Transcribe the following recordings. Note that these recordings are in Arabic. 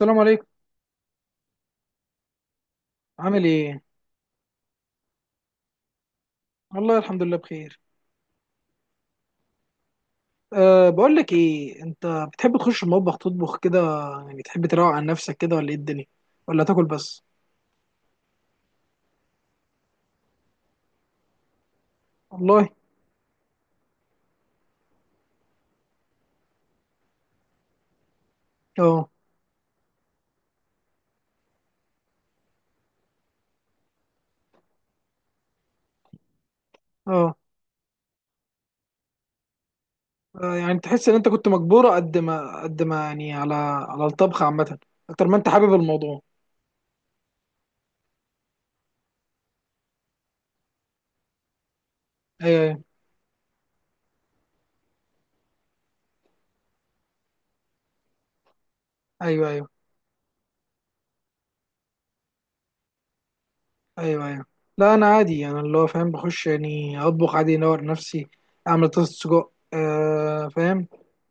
السلام عليكم. عامل ايه؟ والله الحمد لله بخير. أه بقول لك ايه انت، بتحب تخش المطبخ تطبخ كده؟ يعني تحب تروق عن نفسك كده ولا ايه الدنيا؟ ولا تاكل بس؟ والله. اه. اه. يعني تحس ان انت كنت مجبوره قد ما قد ما يعني على الطبخ عامه، اكتر ما انت حابب الموضوع. ايوه ايوه ايوه ايوه ايوه, أيوة. لا انا عادي، انا اللي هو فاهم بخش يعني اطبخ عادي انور نفسي. اعمل طاسه سجق، أه فاهم.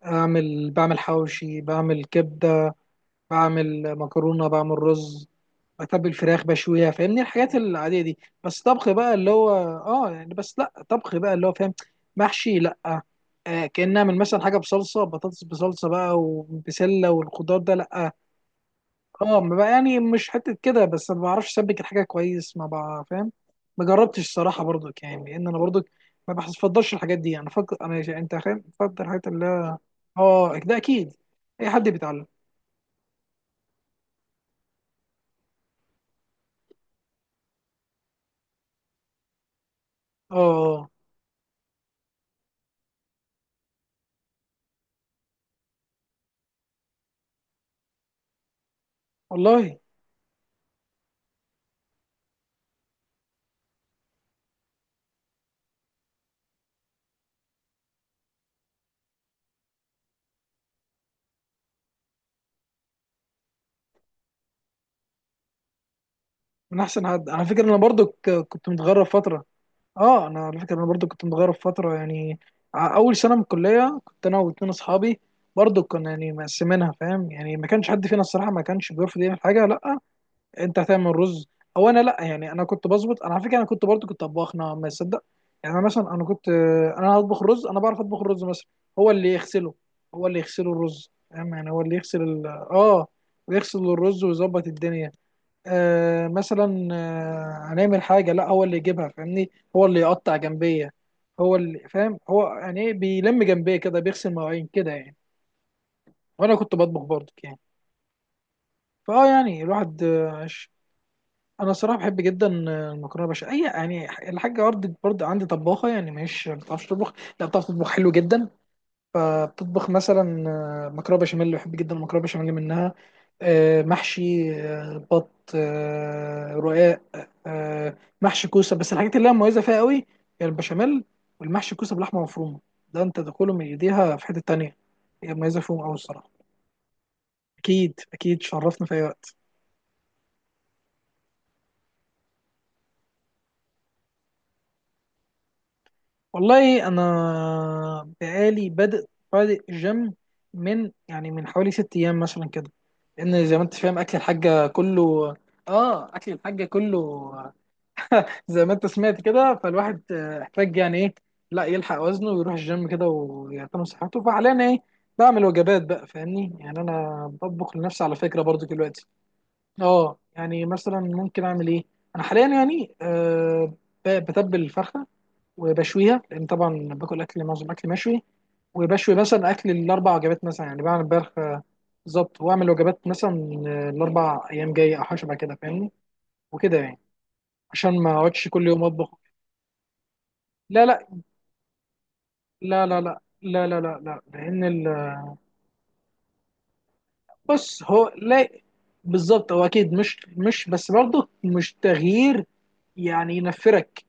بعمل حواوشي، بعمل كبده، بعمل مكرونه، بعمل رز، بتبل فراخ بشويها، فاهمني، الحاجات العاديه دي. بس طبخ بقى اللي هو... اه يعني بس لا، طبخ بقى اللي هو فاهم، محشي، لا. كأن اعمل مثلا حاجه بصلصه، بطاطس بصلصه بقى وبسله والخضار ده، لا. اه ما بقى يعني مش حته كده، بس ما بعرفش اسبك الحاجه كويس، ما بقى فاهم. ما جربتش الصراحه برضك يعني، لان انا برضك ما بفضلش الحاجات دي، انا فكر انا يعني انت فاهم بفضل الحاجات اللي... اه ده اكيد. اي حد بيتعلم. اه. آه، والله من احسن حد على فكره. انا برضو كنت متغرب فتره. اه انا على فكره، انا برضو كنت متغرب فتره يعني. اول سنه من الكليه كنت انا واتنين اصحابي، برضو كنا يعني مقسمينها، فاهم يعني، ما كانش حد فينا الصراحه ما كانش بيرفض يعمل حاجه لا. انت هتعمل رز او انا لا، يعني انا كنت بظبط. انا على فكره انا كنت طباخ نوعا ما، تصدق؟ يعني انا مثلا كنت، انا هطبخ رز، انا بعرف اطبخ الرز مثلا. هو اللي يغسله، هو اللي يغسله الرز، فاهم يعني، هو اللي يغسل يغسل الرز ويظبط الدنيا. مثلا هنعمل حاجة، لا، هو اللي يجيبها، فاهمني، هو اللي يقطع جنبية، هو اللي فاهم، هو يعني ايه بيلم جنبية كده، بيغسل مواعين كده يعني. وانا كنت بطبخ برضه يعني. فاه يعني الواحد انا صراحة بحب جدا المكرونة بشاميل. اي يعني الحاجة برضه عندي طباخة، يعني مش ما بتعرفش تطبخ، لا بتعرف تطبخ حلو جدا. فبتطبخ مثلا مكرونه بشاميل، بحب جدا المكرونه بشاميل منها، محشي، بط، رقاق، محشي كوسه. بس الحاجات اللي هي مميزه فيها قوي هي البشاميل والمحشي كوسه بلحمه مفرومه. ده انت دخوله من ايديها في حته تانية. هي مميزه فيهم قوي الصراحه. اكيد اكيد شرفنا في اي وقت. والله انا بقالي بادئ، بادئ جيم، من يعني حوالي ست ايام مثلا كده. لان زي ما انت فاهم اكل الحاجه كله. اه اكل الحاجه كله. زي ما انت سمعت كده، فالواحد احتاج يعني ايه لا يلحق وزنه ويروح الجيم كده ويعتني بصحته. فحاليا انا ايه، بعمل وجبات بقى فاهمني. يعني انا بطبخ لنفسي على فكره برضو دلوقتي. اه يعني مثلا ممكن اعمل ايه، انا حاليا يعني بتبل الفرخه وبشويها، لان طبعا باكل اكل، معظم اكل مشوي. وبشوي مثلا اكل الاربع وجبات مثلا يعني، بعمل امبارح بالظبط، واعمل وجبات مثلا الاربع ايام جايه او حاجه شبه كده فاهمني وكده يعني، عشان ما اقعدش كل يوم اطبخ. لا لا لا لا لا لا لا لا لا، لان ال... بص هو لا، بالظبط هو اكيد مش بس برضه مش تغيير يعني ينفرك.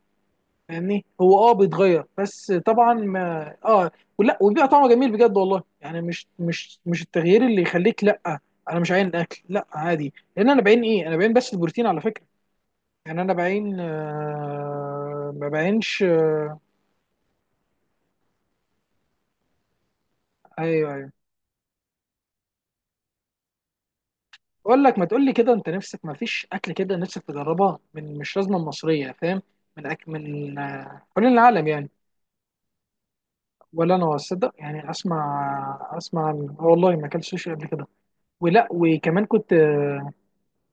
فاهمني هو بيتغير بس طبعا ما اه. ولا وبيبقى طعمه جميل بجد والله. يعني مش التغيير اللي يخليك لا. انا مش عاين الاكل لا عادي، لان انا بعين بس البروتين على فكره. يعني انا بعين ما بعينش. ايوه ايوه. اقول لك ما تقول لي كده، انت نفسك ما فيش اكل كده نفسك تجربها، من مش لازمه مصريه فاهم، من أكل من حوالين العالم يعني. ولا انا اصدق يعني، اسمع آه والله ما اكلتش سوشي قبل كده. ولا وكمان كنت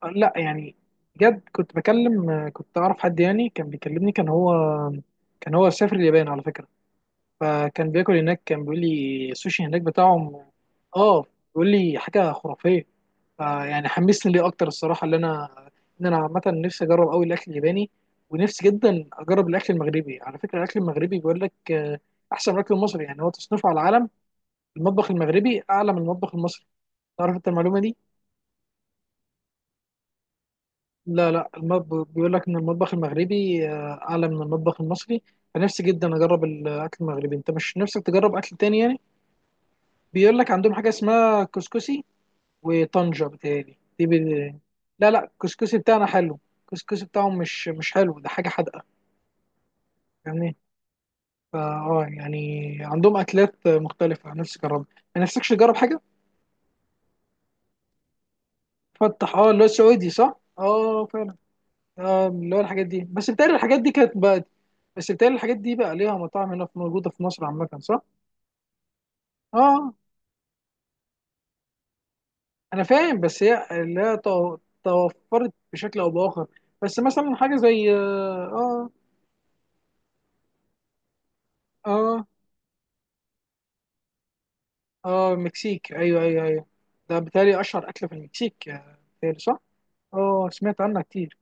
لا يعني بجد، كنت بكلم كنت اعرف حد يعني كان بيكلمني، كان هو سافر اليابان على فكره. فكان بياكل هناك، كان بيقول لي السوشي هناك بتاعهم اه، بيقول لي حاجه خرافيه. فيعني حمسني ليه اكتر الصراحه اللي انا، ان انا عامه نفسي اجرب قوي الاكل الياباني. ونفسي جدا اجرب الاكل المغربي على فكره. الاكل المغربي بيقول لك احسن من الاكل المصري. يعني هو تصنيفه على العالم، المطبخ المغربي اعلى من المطبخ المصري. تعرف انت المعلومه دي؟ لا لا، المطبخ بيقول لك ان المطبخ المغربي اعلى من المطبخ المصري. فنفسي جدا اجرب الاكل المغربي. انت مش نفسك تجرب اكل تاني يعني؟ بيقول لك عندهم حاجه اسمها كسكسي وطنجة. بتهيألي دي بي... لا لا، الكسكسي بتاعنا حلو، الكسكسي بتاعهم مش حلو، ده حاجه حادقه يعني. فا اه يعني عندهم اكلات مختلفه نفسي اجربها. ما نفسكش تجرب حاجه؟ فتح، اه اللي هو السعودي، صح؟ اه. اللي هو الحاجات دي، بس بتهيألي الحاجات دي بقى ليها مطاعم هنا موجودة في مصر عامة، صح؟ اه انا فاهم، بس هي اللي هي توفرت بشكل او باخر. بس مثلا حاجة زي اه. اه المكسيك، ايوه ايوه ايوه. ده بتهيألي اشهر اكلة في المكسيك بتهيألي صح؟ اه سمعت عنها كتير.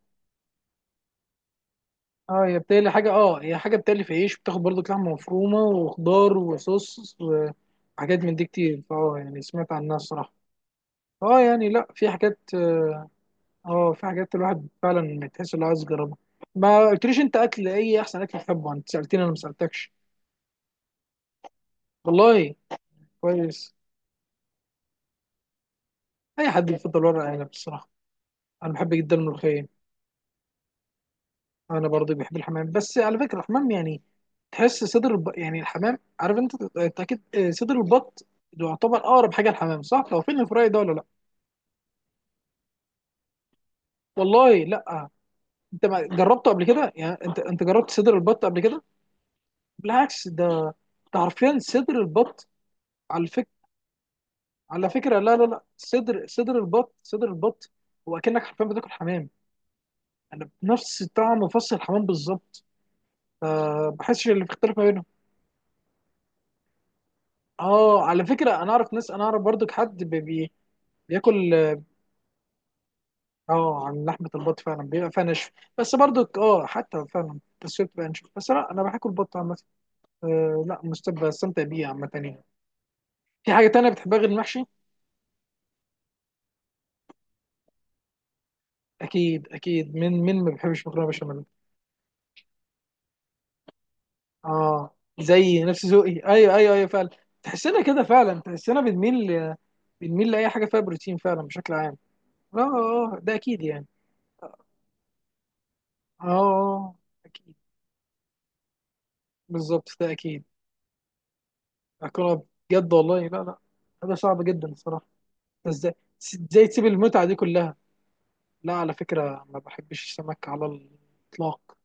اه هي بتهيألي حاجة اه هي حاجة بتهيألي في عيش، بتاخد برضو لحمة مفرومة وخضار وصوص وحاجات من دي كتير. فاه يعني سمعت عنها الصراحة. اه يعني لا في حاجات اه. في حاجات الواحد فعلا تحس انه عايز يجربها. ما قلتليش انت اكل ايه، احسن اكل بتحبه، انت سالتني انا ما سالتكش. والله كويس. اي حد بيفضل ورق عنب الصراحه. انا بحب جدا الملوخيه. انا برضه بحب الحمام، بس على فكره الحمام يعني، تحس صدر الب... يعني الحمام، عارف انت، انت اكيد صدر البط ده يعتبر اقرب حاجه الحمام، صح لو فين الفراي ده ولا لا؟ والله لا. انت ما جربته قبل كده يعني، انت جربت صدر البط قبل كده؟ بالعكس ده حرفيا صدر البط. على فكرة، على فكرة، لا لا لا، صدر صدر البط، صدر البط. هو أكنك حرفيا بتاكل حمام، أنا بنفس طعم وفص الحمام بالظبط. أه بحسش اللي بيختلف ما بينهم. اه على فكرة، أنا أعرف برضك حد بي بياكل. اه عن لحمة البط فعلا بيبقى فيها نشف. بس برضك اه حتى فعلا، بس هي بتبقى نشف بس لا، أنا بحب البط عامة. أه لا، بستمتع بيه عامة يعني. في حاجة تانية بتحبها غير المحشي؟ أكيد أكيد، مين ما بيحبش مكرونة بشاميل. اه زي نفس ذوقي، ايوه ايوه ايوه فعلا. تحسنا كده فعلا تحسنا بنميل لاي حاجه فيها بروتين فعلا بشكل عام. اه اه ده اكيد يعني. اه اكيد. بالظبط ده اكيد. اكون بجد، والله لا لا، هذا صعب جدا الصراحه. ده ازاي، ازاي تسيب المتعه دي كلها؟ لا على فكره ما بحبش السمك على الاطلاق،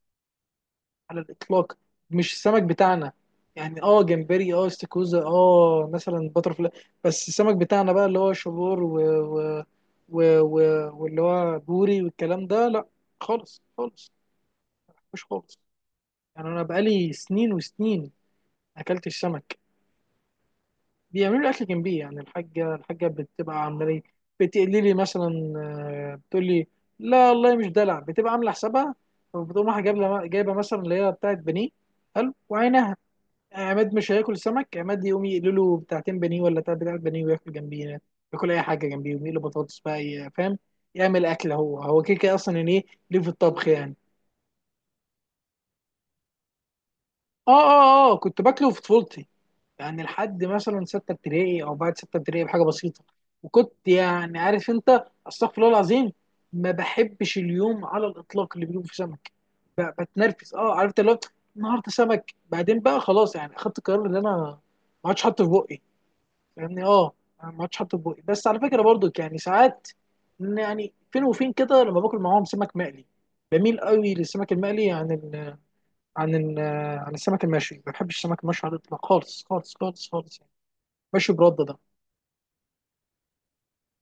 على الاطلاق. مش السمك بتاعنا، يعني جمبري، استاكوزا، مثلا باترفلاي. بس السمك بتاعنا بقى اللي هو شبور و... و... و... و... واللي هو بوري والكلام ده لا. خالص خالص، مش خالص، يعني انا بقالي سنين وسنين ما اكلتش سمك. بيعملوا لي اكل جنبي، يعني الحاجه بتبقى عامله لي. بتقلي لي مثلا بتقول لي. لا والله مش دلع، بتبقى عامله حسابها. وبتقوم رايحه جايبه مثلا اللي هي بتاعت بانيه حلو وعينها. عماد مش هياكل سمك، عماد يقوم يقلوا له بتاعتين بانيه ولا تلات بتاعت بانيه وياكل جنبيه، ياكل اي حاجه جنبيه، ويقلوا بطاطس بقى فاهم، يعمل اكل هو، هو كده كده اصلا يعني ايه. ليه في الطبخ يعني؟ اه اه اه كنت باكله في طفولتي، يعني لحد مثلا سته ابتدائي او بعد سته ابتدائي بحاجه بسيطه. وكنت يعني عارف انت استغفر الله العظيم، ما بحبش اليوم على الاطلاق اللي بيجيبوا فيه سمك. بتنرفز، اه عرفت اللي هو النهارده سمك، بعدين بقى خلاص يعني، اخدت القرار ان انا ما عادش حاطه في بقي. يعني اه أنا ما عادش حاطط بوقي، بس على فكره برضو يعني ساعات، إن يعني فين وفين كده لما باكل معاهم سمك مقلي، بميل قوي للسمك المقلي عن ال عن السمك المشوي. ما بحبش السمك المشوي على الاطلاق، خالص خالص خالص خالص يعني، مشوي برده ده.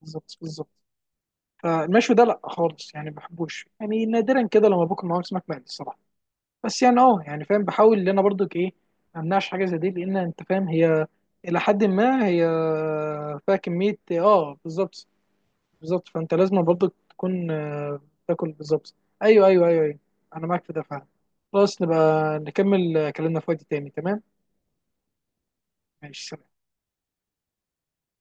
بالظبط بالظبط. فالمشوي ده لا خالص يعني ما بحبوش، يعني نادرا كده لما باكل معاهم سمك مقلي الصراحه. بس يعني يعني فاهم بحاول ان انا برضو ايه، ما امنعش حاجه زي دي، لان انت فاهم هي الى حد ما هي فيها كميه بالظبط. بالظبط، فانت لازم برضه تكون تاكل بالظبط. ايوه ايوه ايوه ايوه، انا معاك في ده فعلا. خلاص، نبقى نكمل كلامنا في وقت تاني، تمام. ماشي، سلام.